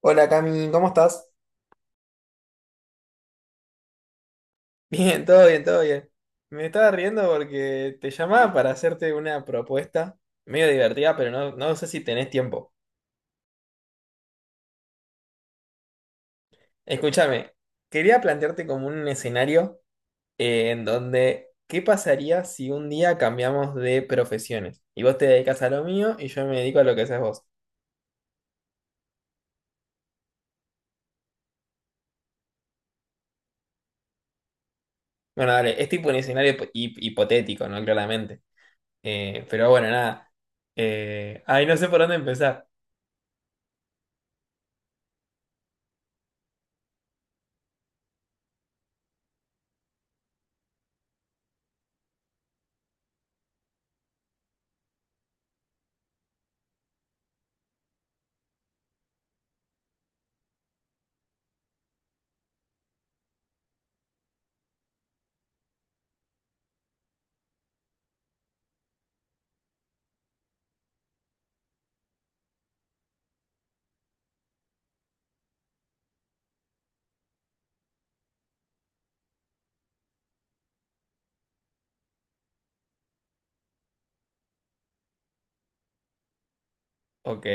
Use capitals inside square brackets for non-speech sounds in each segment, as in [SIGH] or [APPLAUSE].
Hola Cami, ¿cómo estás? Bien, todo bien, todo bien. Me estaba riendo porque te llamaba para hacerte una propuesta medio divertida, pero no, no sé si tenés tiempo. Escúchame, quería plantearte como un escenario en donde, ¿qué pasaría si un día cambiamos de profesiones? Y vos te dedicas a lo mío y yo me dedico a lo que haces vos. Bueno, dale, es tipo un escenario hipotético, ¿no? Claramente. Pero bueno, nada. Ay, no sé por dónde empezar. Ok.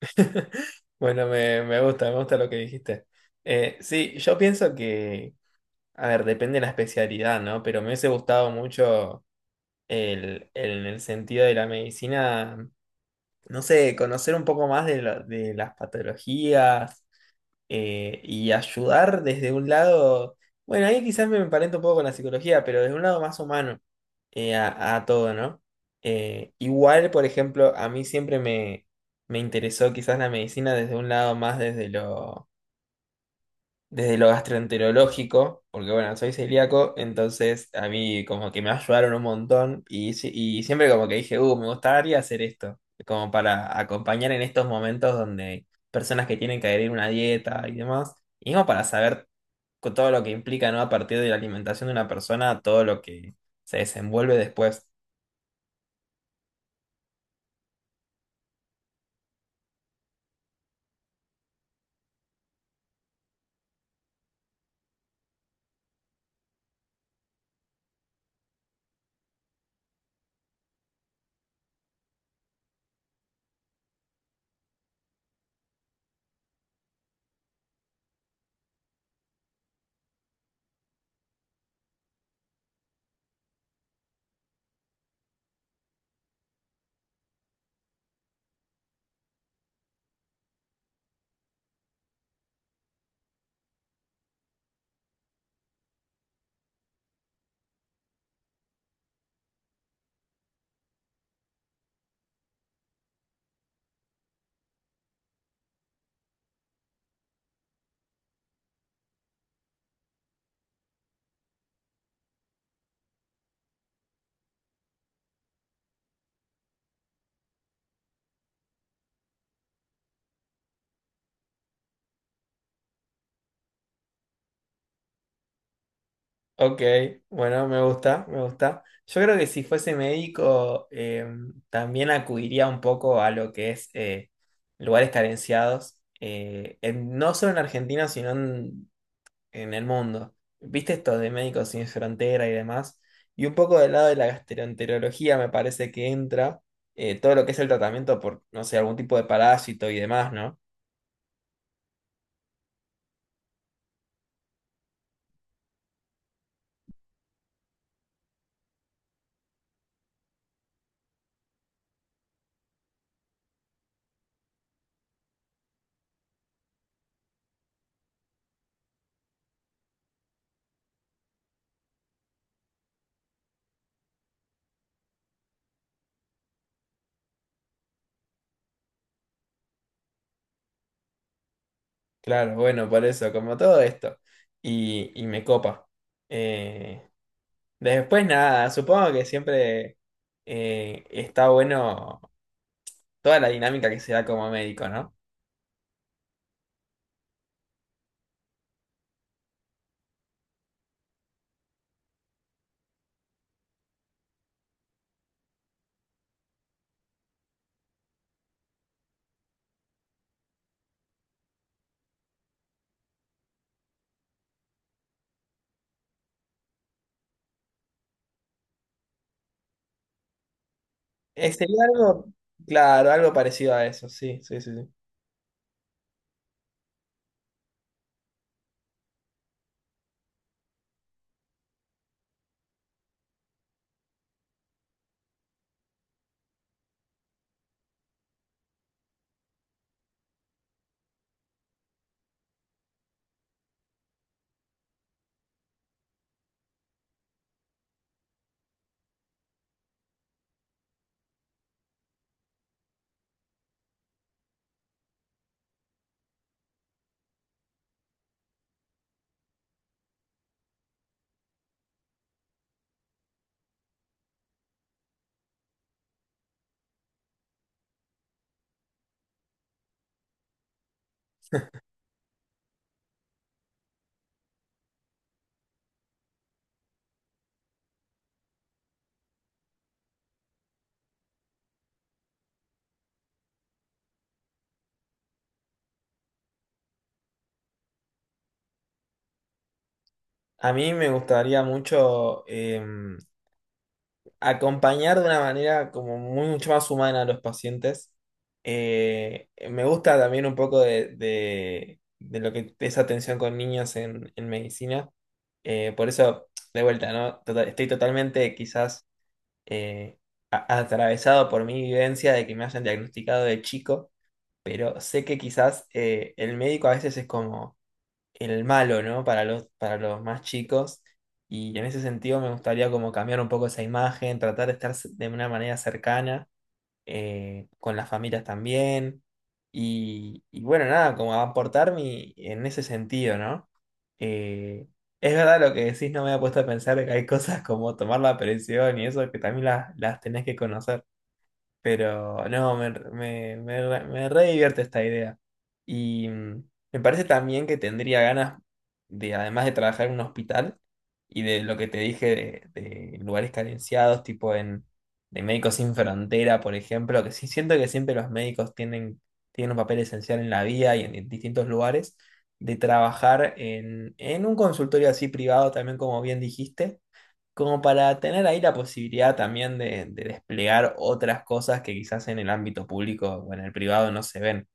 [LAUGHS] Bueno, me gusta lo que dijiste. Sí, yo pienso que, a ver, depende de la especialidad, ¿no? Pero me hubiese gustado mucho el sentido de la medicina, no sé, conocer un poco más de, de las patologías, y ayudar desde un lado, bueno, ahí quizás me emparento un poco con la psicología, pero desde un lado más humano a todo, ¿no? Igual, por ejemplo, a mí siempre me interesó quizás la medicina desde un lado más desde lo gastroenterológico, porque bueno, soy celíaco, entonces a mí como que me ayudaron un montón y, y siempre como que dije, me gustaría hacer esto, como para acompañar en estos momentos donde personas que tienen que adherir una dieta y demás, y como para saber con todo lo que implica, ¿no? A partir de la alimentación de una persona, todo lo que se desenvuelve después. Ok, bueno, me gusta, me gusta. Yo creo que si fuese médico, también acudiría un poco a lo que es lugares carenciados, no solo en Argentina, sino en el mundo. ¿Viste esto de Médicos Sin Frontera y demás? Y un poco del lado de la gastroenterología me parece que entra todo lo que es el tratamiento por, no sé, algún tipo de parásito y demás, ¿no? Claro, bueno, por eso, como todo esto. Y me copa. Eh, Después nada, supongo que siempre está bueno toda la dinámica que se da como médico, ¿no? Sería algo, claro, algo parecido a eso, sí, sí, sí, sí. A mí me gustaría mucho acompañar de una manera como mucho más humana a los pacientes. Me gusta también un poco de, de lo que es atención con niños en medicina. Por eso, de vuelta, ¿no? Estoy totalmente quizás eh, atravesado por mi vivencia de que me hayan diagnosticado de chico, pero sé que quizás el médico a veces es como el malo, ¿no? Para los más chicos. Y en ese sentido me gustaría como cambiar un poco esa imagen, tratar de estar de una manera cercana con las familias también. Y bueno, nada, como aportar mi, en ese sentido, ¿no? Eh, es verdad lo que decís, no me había puesto a pensar de que hay cosas como tomar la presión y eso que también las tenés que conocer. Pero no, me re divierte esta idea. Y me parece también que tendría ganas de, además de trabajar en un hospital y de lo que te dije de lugares carenciados, tipo en de Médicos Sin Frontera, por ejemplo, que sí siento que siempre los médicos tienen, tienen un papel esencial en la vida y en distintos lugares, de trabajar en un consultorio así privado, también como bien dijiste como para tener ahí la posibilidad también de desplegar otras cosas que quizás en el ámbito público o en el privado no se ven.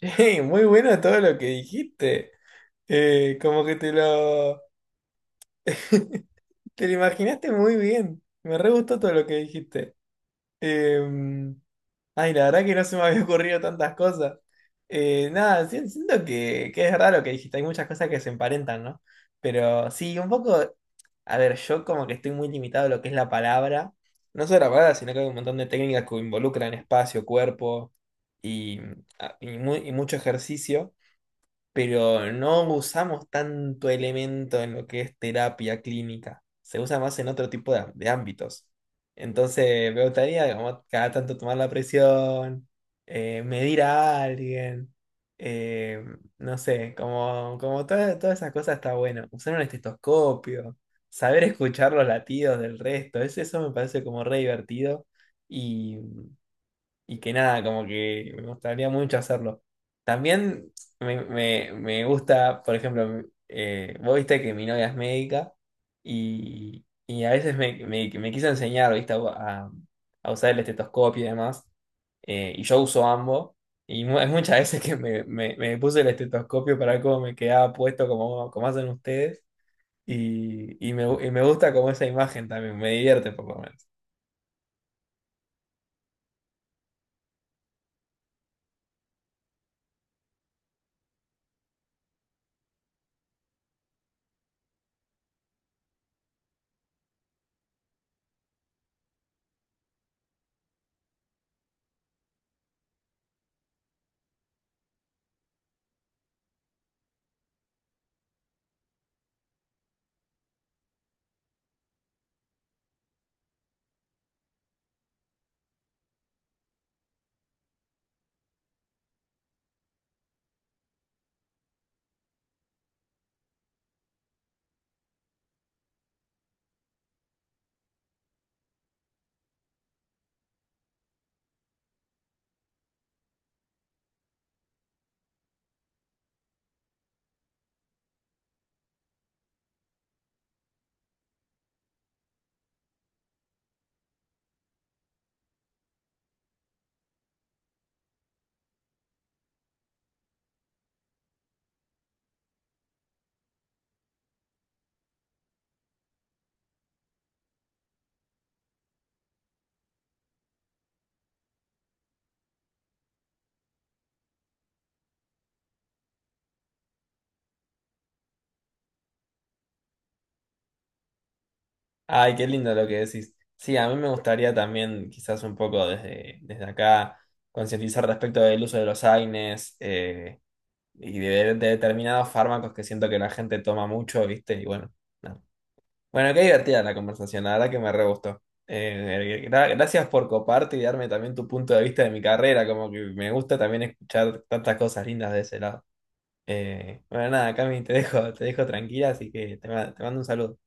[LAUGHS] Che, muy bueno todo lo que dijiste. Como que te lo, [LAUGHS] te lo imaginaste muy bien. Me re gustó todo lo que dijiste. Em, ay, la verdad que no se me había ocurrido tantas cosas. Nada, siento que es raro que dijiste, hay muchas cosas que se emparentan, ¿no? Pero sí, un poco, a ver, yo como que estoy muy limitado a lo que es la palabra, no solo la palabra, sino que hay un montón de técnicas que involucran espacio, cuerpo y, ah, y y mucho ejercicio pero no usamos tanto elemento en lo que es terapia clínica. Se usa más en otro tipo de ámbitos. Entonces, me gustaría, digamos, cada tanto tomar la presión, medir a alguien, eh, no sé, como, todas esas cosas está bueno. Usar un estetoscopio, saber escuchar los latidos del resto, eso me parece como re divertido y que nada, como que me gustaría mucho hacerlo. También me gusta, por ejemplo, vos viste que mi novia es médica y a veces me quiso enseñar, viste, a usar el estetoscopio y demás, y yo uso ambos, y es muchas veces que me puse el estetoscopio para ver cómo me quedaba puesto, como, como hacen ustedes, y me gusta como esa imagen también, me divierte por lo menos. Ay, qué lindo lo que decís. Sí, a mí me gustaría también, quizás un poco desde, desde acá, concientizar respecto del uso de los AINES y de determinados fármacos que siento que la gente toma mucho, ¿viste? Y bueno, nada. Bueno, qué divertida la conversación, la verdad que me re gustó. Gracias por coparte y darme también tu punto de vista de mi carrera, como que me gusta también escuchar tantas cosas lindas de ese lado. Bueno, nada, Cami, te dejo tranquila, así que te te mando un saludo.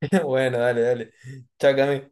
[LAUGHS] Bueno, dale, dale. Chao, Cami.